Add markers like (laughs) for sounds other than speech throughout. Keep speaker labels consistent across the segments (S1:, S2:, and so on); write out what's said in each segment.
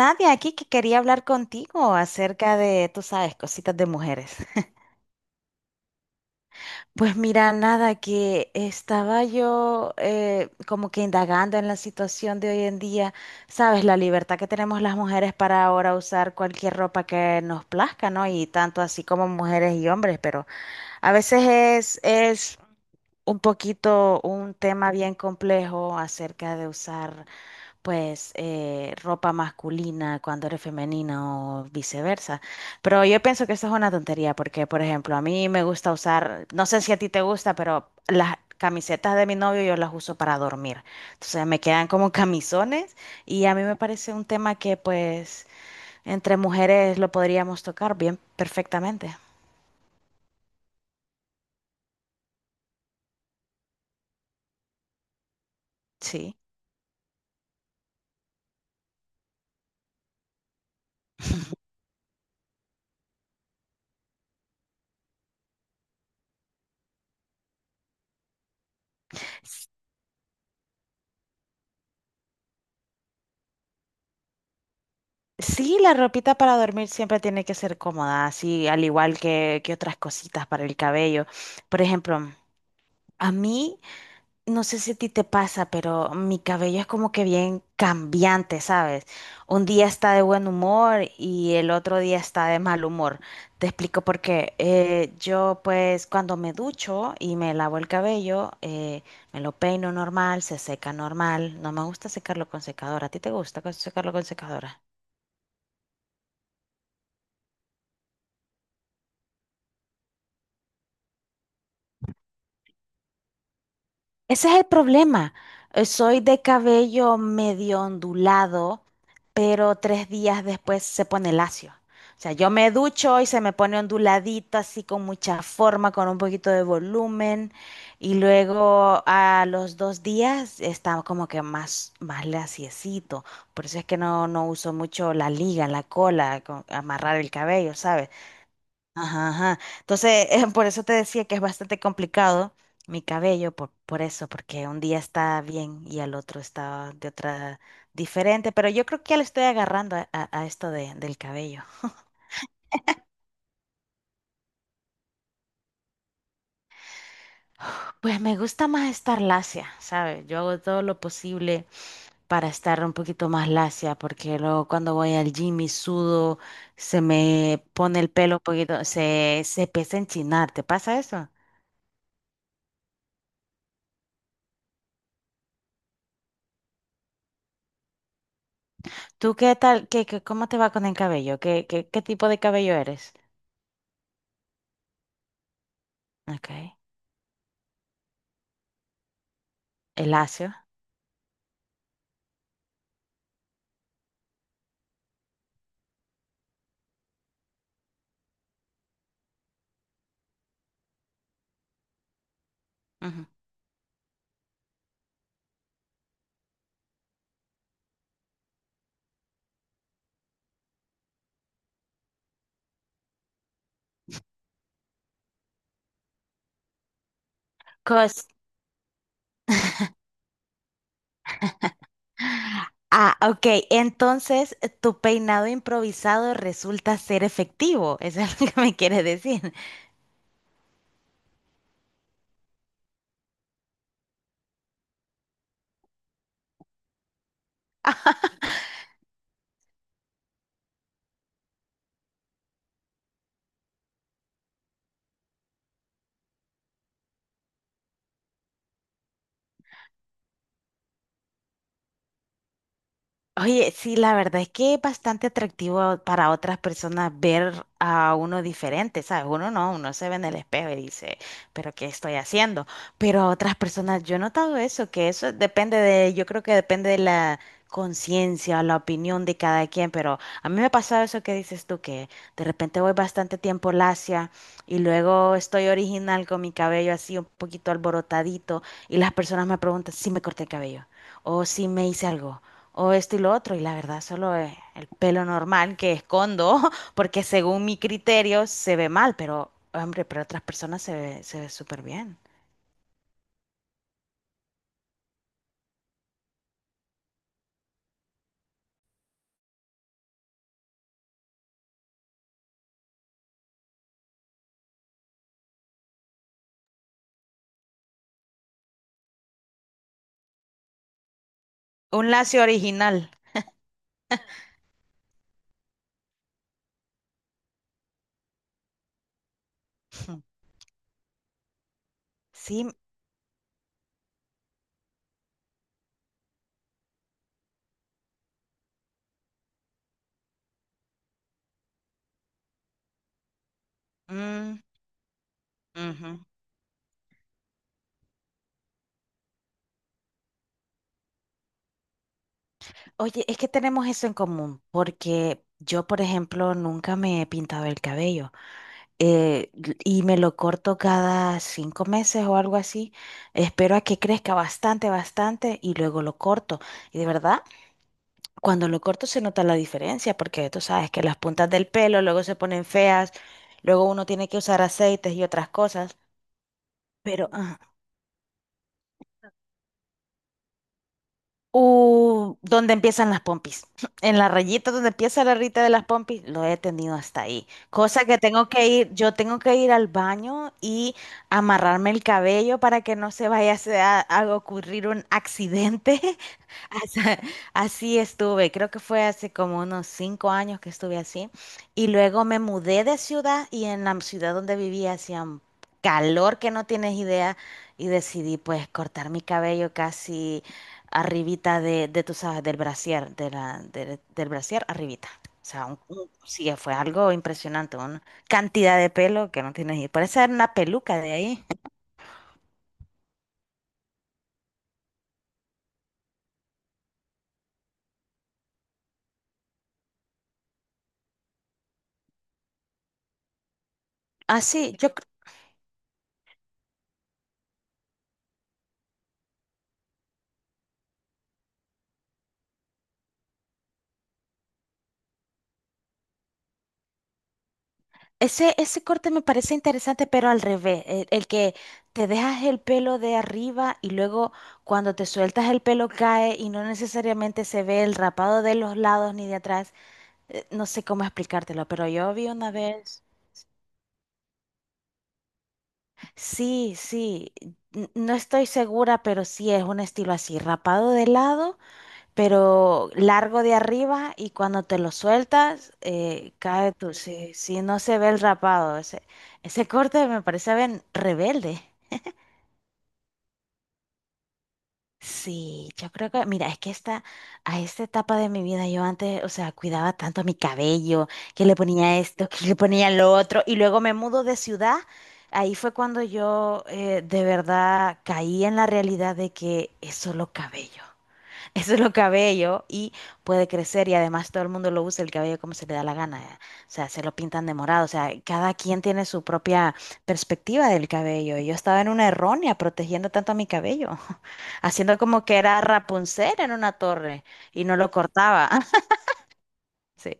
S1: Nadia, aquí que quería hablar contigo acerca de, tú sabes, cositas de mujeres. (laughs) Pues mira, nada, que estaba yo como que indagando en la situación de hoy en día, sabes, la libertad que tenemos las mujeres para ahora usar cualquier ropa que nos plazca, ¿no? Y tanto así como mujeres y hombres, pero a veces es un poquito un tema bien complejo acerca de usar, pues ropa masculina cuando eres femenina o viceversa. Pero yo pienso que eso es una tontería porque, por ejemplo, a mí me gusta usar, no sé si a ti te gusta, pero las camisetas de mi novio yo las uso para dormir. Entonces me quedan como (laughs) camisones y a mí me parece un tema que pues entre mujeres lo podríamos tocar bien perfectamente. Sí. S- Sí, la ropita para dormir siempre tiene que ser cómoda, así al igual que otras cositas para el cabello. Por ejemplo, a mí, no sé si a ti te pasa, pero mi cabello es como que bien cambiante, ¿sabes? Un día está de buen humor y el otro día está de mal humor. Te explico por qué. Yo pues cuando me ducho y me lavo el cabello, me lo peino normal, se seca normal. No me gusta secarlo con secadora. ¿A ti te gusta secarlo con secadora? Ese es el problema. Soy de cabello medio ondulado, pero tres días después se pone lacio. O sea, yo me ducho y se me pone onduladito, así con mucha forma, con un poquito de volumen. Y luego a los dos días está como que más, más laciecito. Por eso es que no uso mucho la liga, la cola, amarrar el cabello, ¿sabes? Ajá, ajá. Entonces, por eso te decía que es bastante complicado mi cabello, por eso, porque un día está bien y al otro está de otra diferente, pero yo creo que ya le estoy agarrando a esto del cabello. Pues me gusta más estar lacia, ¿sabes? Yo hago todo lo posible para estar un poquito más lacia, porque luego cuando voy al gym y sudo, se me pone el pelo un poquito, se empieza a enchinar, ¿te pasa eso? ¿Tú qué tal? Cómo te va con el cabello? ¿Qué tipo de cabello eres? Ok. El lacio. Ujú. Cos- ok. Entonces, tu peinado improvisado resulta ser efectivo. (laughs) Eso es lo que me quieres decir. Oye, sí, la verdad es que es bastante atractivo para otras personas ver a uno diferente, ¿sabes? Uno no, uno se ve en el espejo y dice, pero ¿qué estoy haciendo? Pero a otras personas, yo he notado eso, que eso depende de, yo creo que depende de la conciencia, la opinión de cada quien, pero a mí me ha pasado eso que dices tú, que de repente voy bastante tiempo lacia y luego estoy original con mi cabello así un poquito alborotadito y las personas me preguntan si me corté el cabello o si me hice algo o esto y lo otro, y la verdad solo es el pelo normal que escondo, (laughs) porque según mi criterio se ve mal, pero hombre, para otras personas se ve súper bien. Un lacio original. (laughs) Sí. Mm, ujú. Oye, es que tenemos eso en común, porque yo, por ejemplo, nunca me he pintado el cabello y me lo corto cada 5 meses o algo así. Espero a que crezca bastante, bastante y luego lo corto. Y de verdad. Cuando lo corto se nota la diferencia, porque tú sabes que las puntas del pelo luego se ponen feas, luego uno tiene que usar aceites y otras cosas, pero ¿dónde empiezan las pompis? (laughs) En la rayita donde empieza la rita de las pompis, lo he tenido hasta ahí. Cosa que tengo que ir, yo tengo que ir al baño y amarrarme el cabello para que no se vaya a ocurrir un accidente. (laughs) Así así estuve, creo que fue hace como unos 5 años que estuve así. Y luego me mudé de ciudad y en la ciudad donde vivía hacía un calor que no tienes idea y decidí pues cortar mi cabello casi arribita de tú sabes, del brasier, del brasier arribita. O sea, sí, fue algo impresionante, una cantidad de pelo que no tienes idea. Parece una peluca de ahí. (laughs) Así, yo ese, ese corte me parece interesante, pero al revés, el que te dejas el pelo de arriba y luego cuando te sueltas el pelo cae y no necesariamente se ve el rapado de los lados ni de atrás. No sé cómo explicártelo, pero yo vi una vez. Sí, sí, no estoy segura, pero sí es un estilo así, rapado de lado pero largo de arriba y cuando te lo sueltas, cae tú. Si, si no se ve el rapado, ese corte me parece bien rebelde. Sí, yo creo que, mira, es que a esta etapa de mi vida yo antes, o sea, cuidaba tanto mi cabello, que le ponía esto, que le ponía lo otro, y luego me mudo de ciudad. Ahí fue cuando yo de verdad caí en la realidad de que es solo cabello. Eso es lo cabello y puede crecer y además todo el mundo lo usa el cabello como se le da la gana. O sea, se lo pintan de morado. O sea, cada quien tiene su propia perspectiva del cabello. Y yo estaba en una errónea protegiendo tanto a mi cabello, (laughs) haciendo como que era Rapunzel en una torre y no lo cortaba. (laughs) Sí.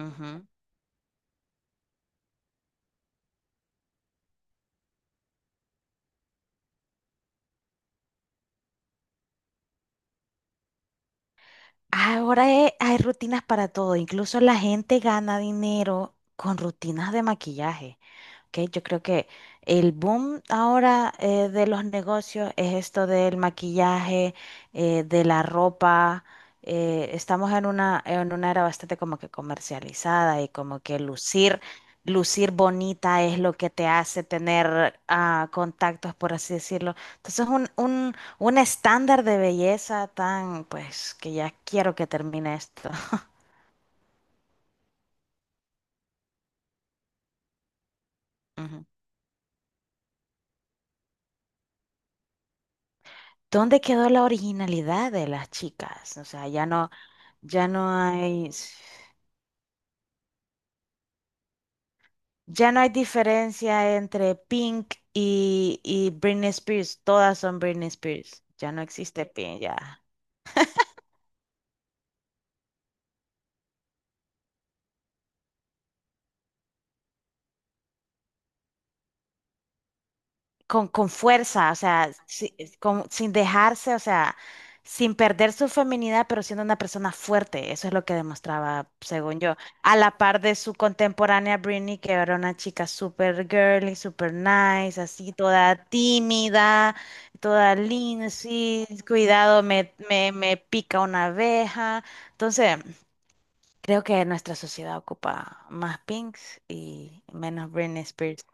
S1: Ujú. Ahora hay rutinas para todo. Incluso la gente gana dinero con rutinas de maquillaje, que yo creo que el boom ahora, de los negocios es esto del maquillaje, de la ropa. Estamos en una era bastante como que comercializada y como que lucir, lucir bonita es lo que te hace tener contactos, por así decirlo. Entonces, un estándar de belleza tan, pues, que ya quiero que termine esto. (laughs) Ujú. ¿Dónde quedó la originalidad de las chicas? O sea, ya no. Ya no hay, ya no hay diferencia entre Pink y Britney Spears. Todas son Britney Spears. Ya no existe Pink, ya. Con fuerza, o sea, sin dejarse, o sea, sin perder su feminidad, pero siendo una persona fuerte. Eso es lo que demostraba, según yo. A la par de su contemporánea Britney, que era una chica súper girly, súper nice, así, toda tímida, toda linda, así, cuidado, me pica una abeja. Entonces, creo que nuestra sociedad ocupa más Pinks y menos Britney Spears.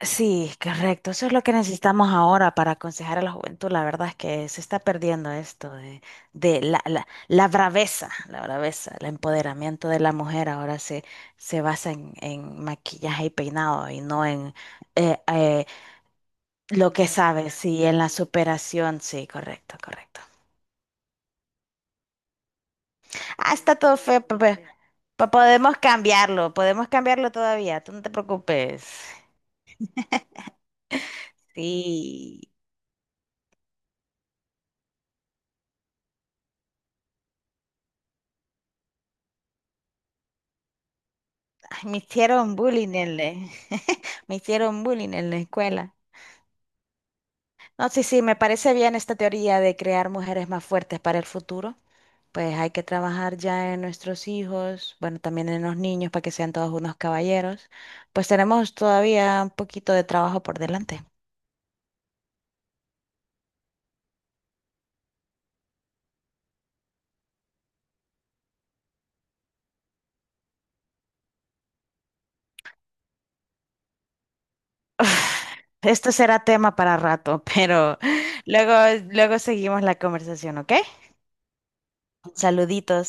S1: Sí, correcto. Eso es lo que necesitamos ahora para aconsejar a la juventud. La verdad es que se está perdiendo esto de la braveza, el empoderamiento de la mujer ahora se basa en maquillaje y peinado y no en eh, eh, lo que sabe, sí, en la superación. Sí, correcto, correcto. Ah, está todo feo, papá. Podemos cambiarlo todavía, tú no te preocupes. Sí. Ay, me hicieron bullying en la... (laughs) Me hicieron bullying en la escuela. No, sí, sí, me parece bien esta teoría de crear mujeres más fuertes para el futuro. Pues hay que trabajar ya en nuestros hijos, bueno, también en los niños para que sean todos unos caballeros. Pues tenemos todavía un poquito de trabajo por delante. (laughs) Esto será tema para rato, pero (laughs) luego, luego seguimos la conversación, ¿ok? Saluditos.